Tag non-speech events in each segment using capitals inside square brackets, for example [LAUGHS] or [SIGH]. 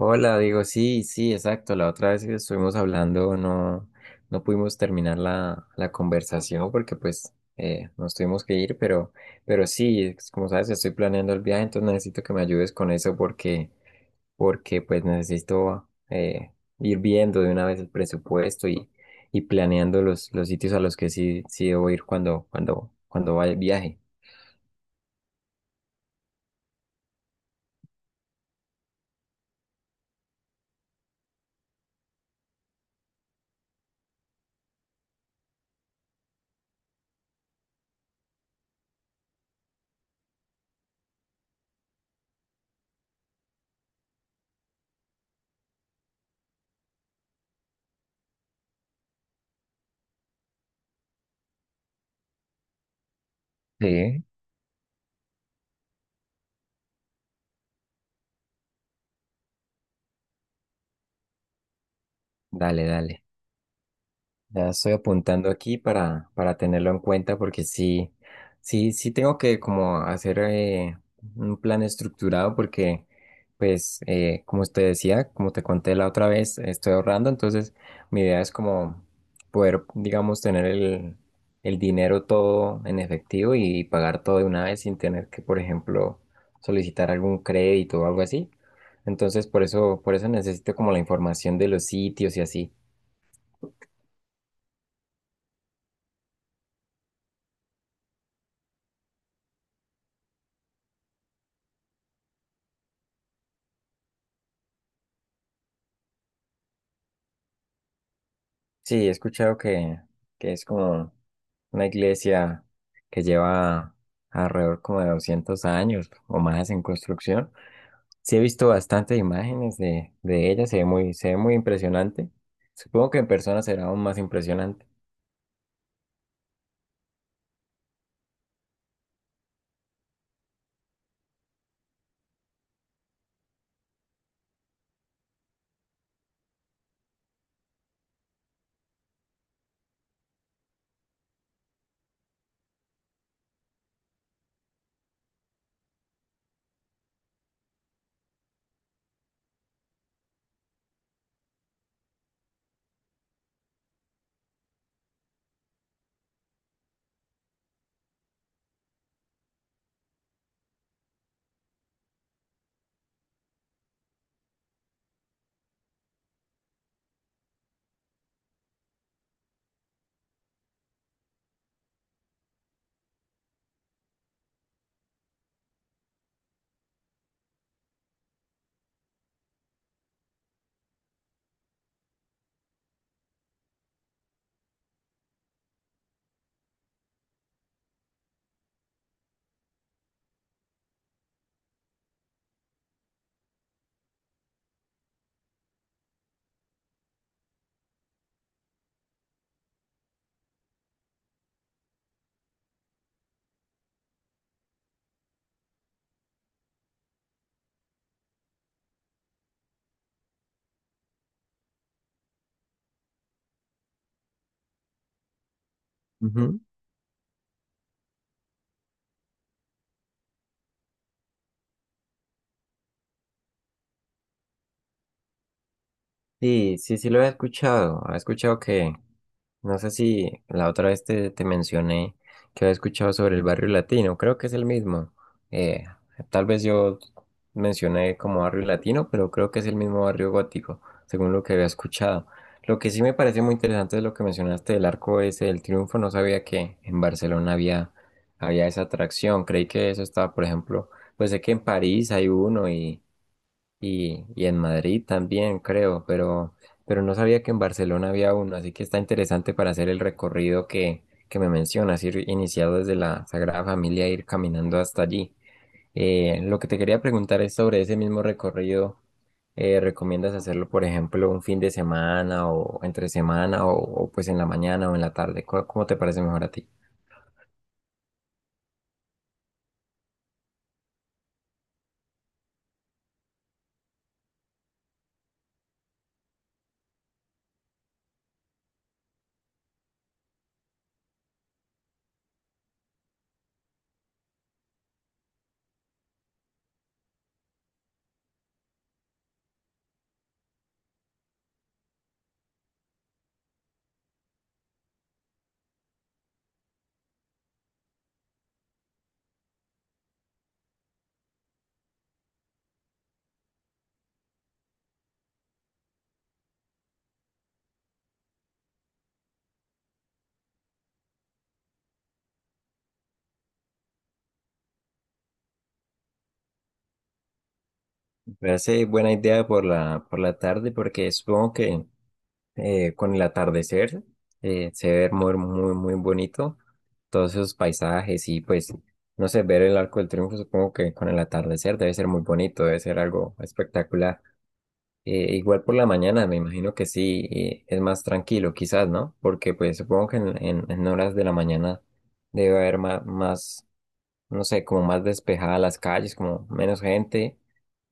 Hola, digo, sí, sí, exacto. La otra vez que estuvimos hablando no pudimos terminar la conversación porque pues nos tuvimos que ir, pero sí, como sabes, estoy planeando el viaje, entonces necesito que me ayudes con eso porque pues necesito ir viendo de una vez el presupuesto y planeando los sitios a los que sí debo ir cuando vaya el viaje. Sí. Dale, dale. Ya estoy apuntando aquí para tenerlo en cuenta porque sí, sí tengo que como hacer un plan estructurado porque pues como te decía, como te conté la otra vez, estoy ahorrando, entonces mi idea es como poder, digamos, tener el dinero todo en efectivo y pagar todo de una vez sin tener que, por ejemplo, solicitar algún crédito o algo así. Entonces por eso necesito como la información de los sitios y así. Sí, he escuchado que es como una iglesia que lleva alrededor como de 200 años o más en construcción. Sí, he visto bastantes imágenes de ella, se ve muy impresionante. Supongo que en persona será aún más impresionante. Ujú. Sí, sí, sí lo he escuchado. He escuchado que, no sé si la otra vez te mencioné que había escuchado sobre el barrio latino, creo que es el mismo. Eh, Tal vez yo mencioné como barrio latino, pero creo que es el mismo barrio gótico, según lo que había escuchado. Lo que sí me parece muy interesante es lo que mencionaste del arco ese del triunfo. No sabía que en Barcelona había esa atracción. Creí que eso estaba, por ejemplo, pues sé que en París hay uno y en Madrid también, creo, pero no sabía que en Barcelona había uno, así que está interesante para hacer el recorrido que me mencionas, ir iniciado desde la Sagrada Familia, e ir caminando hasta allí. Lo que te quería preguntar es sobre ese mismo recorrido. ¿Recomiendas hacerlo, por ejemplo, un fin de semana o entre semana o, pues en la mañana o en la tarde? ¿Cómo te parece mejor a ti? Me parece buena idea por por la tarde porque supongo que con el atardecer, se ve muy, muy, muy bonito todos esos paisajes y pues, no sé, ver el Arco del Triunfo supongo que con el atardecer debe ser muy bonito, debe ser algo espectacular. Igual por la mañana, me imagino que sí, es más tranquilo quizás, ¿no? Porque pues supongo que en horas de la mañana debe haber más, no sé, como más despejadas las calles, como menos gente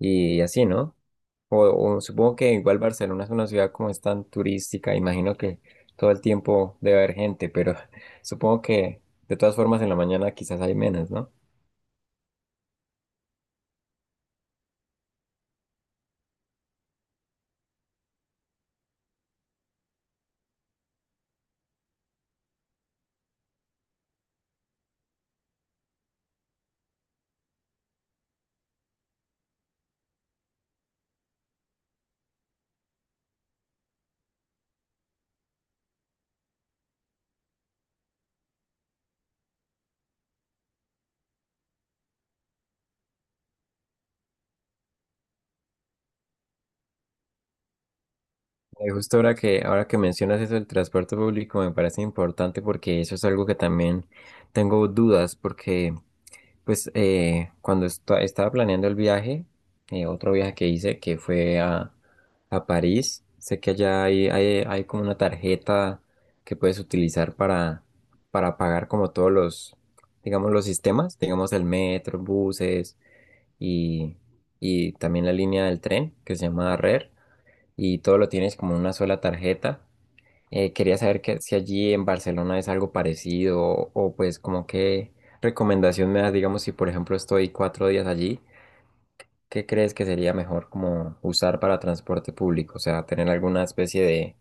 y así, ¿no? O supongo que igual Barcelona es una ciudad como es tan turística, imagino que todo el tiempo debe haber gente, pero [LAUGHS] supongo que de todas formas en la mañana quizás hay menos, ¿no? Y justo ahora ahora que mencionas eso del transporte público me parece importante porque eso es algo que también tengo dudas porque pues cuando estaba planeando el viaje, otro viaje que hice que fue a París, sé que allá hay como una tarjeta que puedes utilizar para pagar como todos los, digamos, los sistemas, digamos el metro, buses y, y también la línea del tren que se llama RER y todo lo tienes como en una sola tarjeta. Quería saber que, si allí en Barcelona es algo parecido o, pues como qué recomendación me das, digamos, si por ejemplo estoy 4 días allí, ¿qué crees que sería mejor como usar para transporte público? O sea, tener alguna especie de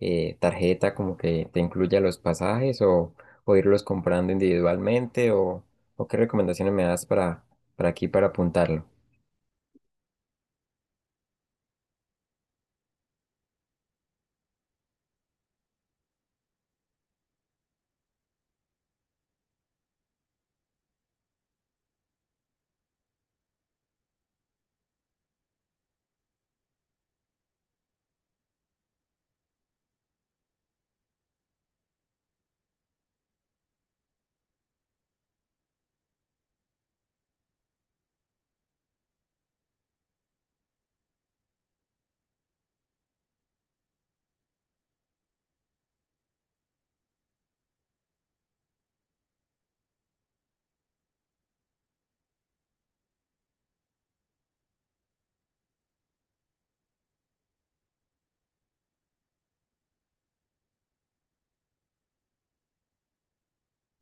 tarjeta como que te incluya los pasajes o irlos comprando individualmente o qué recomendaciones me das para aquí para apuntarlo.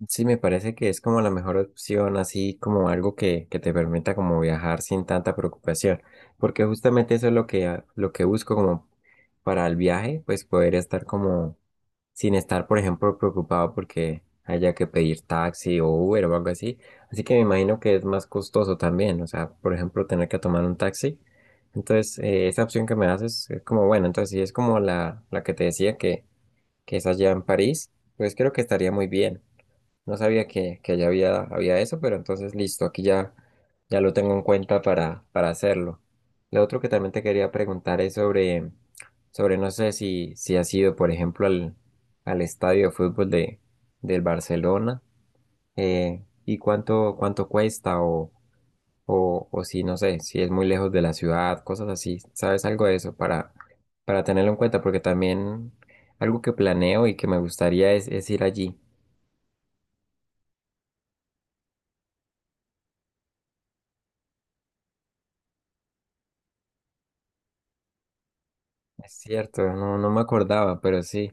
Sí, me parece que es como la mejor opción, así como algo que te permita como viajar sin tanta preocupación, porque justamente eso es lo que, ah, lo que busco como para el viaje, pues poder estar como sin estar, por ejemplo, preocupado porque haya que pedir taxi o Uber o algo así. Así que me imagino que es más costoso también, o sea, por ejemplo, tener que tomar un taxi. Entonces, esa opción que me haces es como, bueno, entonces si es como la que te decía que es allá en París, pues creo que estaría muy bien. No sabía que ya había eso, pero entonces listo, aquí ya, ya lo tengo en cuenta para hacerlo. Lo otro que también te quería preguntar es sobre, sobre no sé si has ido, por ejemplo, al estadio de fútbol del Barcelona, y cuánto, cuánto cuesta o si, no sé, si es muy lejos de la ciudad, cosas así. ¿Sabes algo de eso para tenerlo en cuenta? Porque también algo que planeo y que me gustaría es ir allí. Es cierto, no, no me acordaba, pero sí.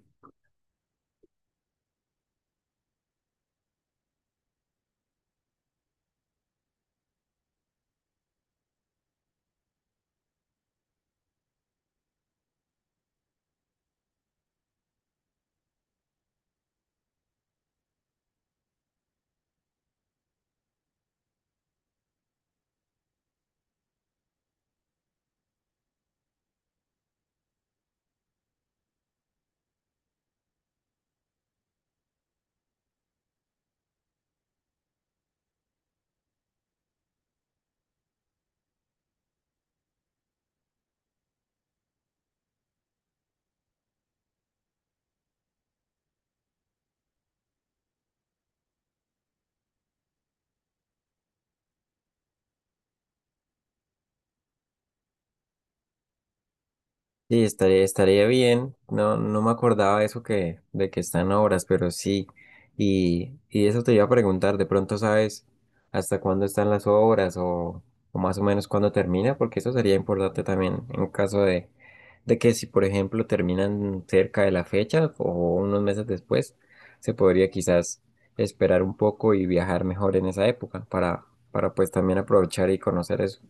Sí, estaría, estaría bien. No, no me acordaba eso que, de que están obras, pero sí. Y eso te iba a preguntar, de pronto sabes hasta cuándo están las obras o más o menos cuándo termina, porque eso sería importante también en caso de que si, por ejemplo, terminan cerca de la fecha o unos meses después, se podría quizás esperar un poco y viajar mejor en esa época para pues también aprovechar y conocer eso.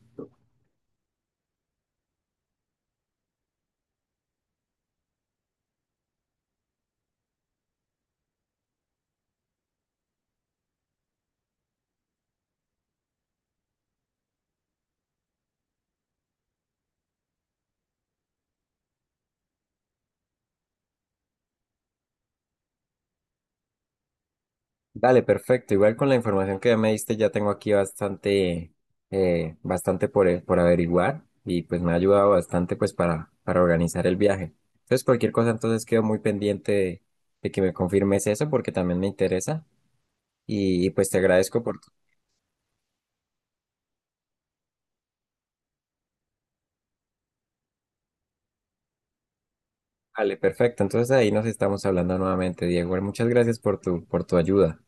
Dale, perfecto. Igual con la información que ya me diste, ya tengo aquí bastante, bastante por averiguar y pues me ha ayudado bastante pues para organizar el viaje. Entonces, cualquier cosa, entonces quedo muy pendiente de que me confirmes eso porque también me interesa pues te agradezco por tu... Dale, perfecto. Entonces ahí nos estamos hablando nuevamente, Diego. Muchas gracias por tu ayuda.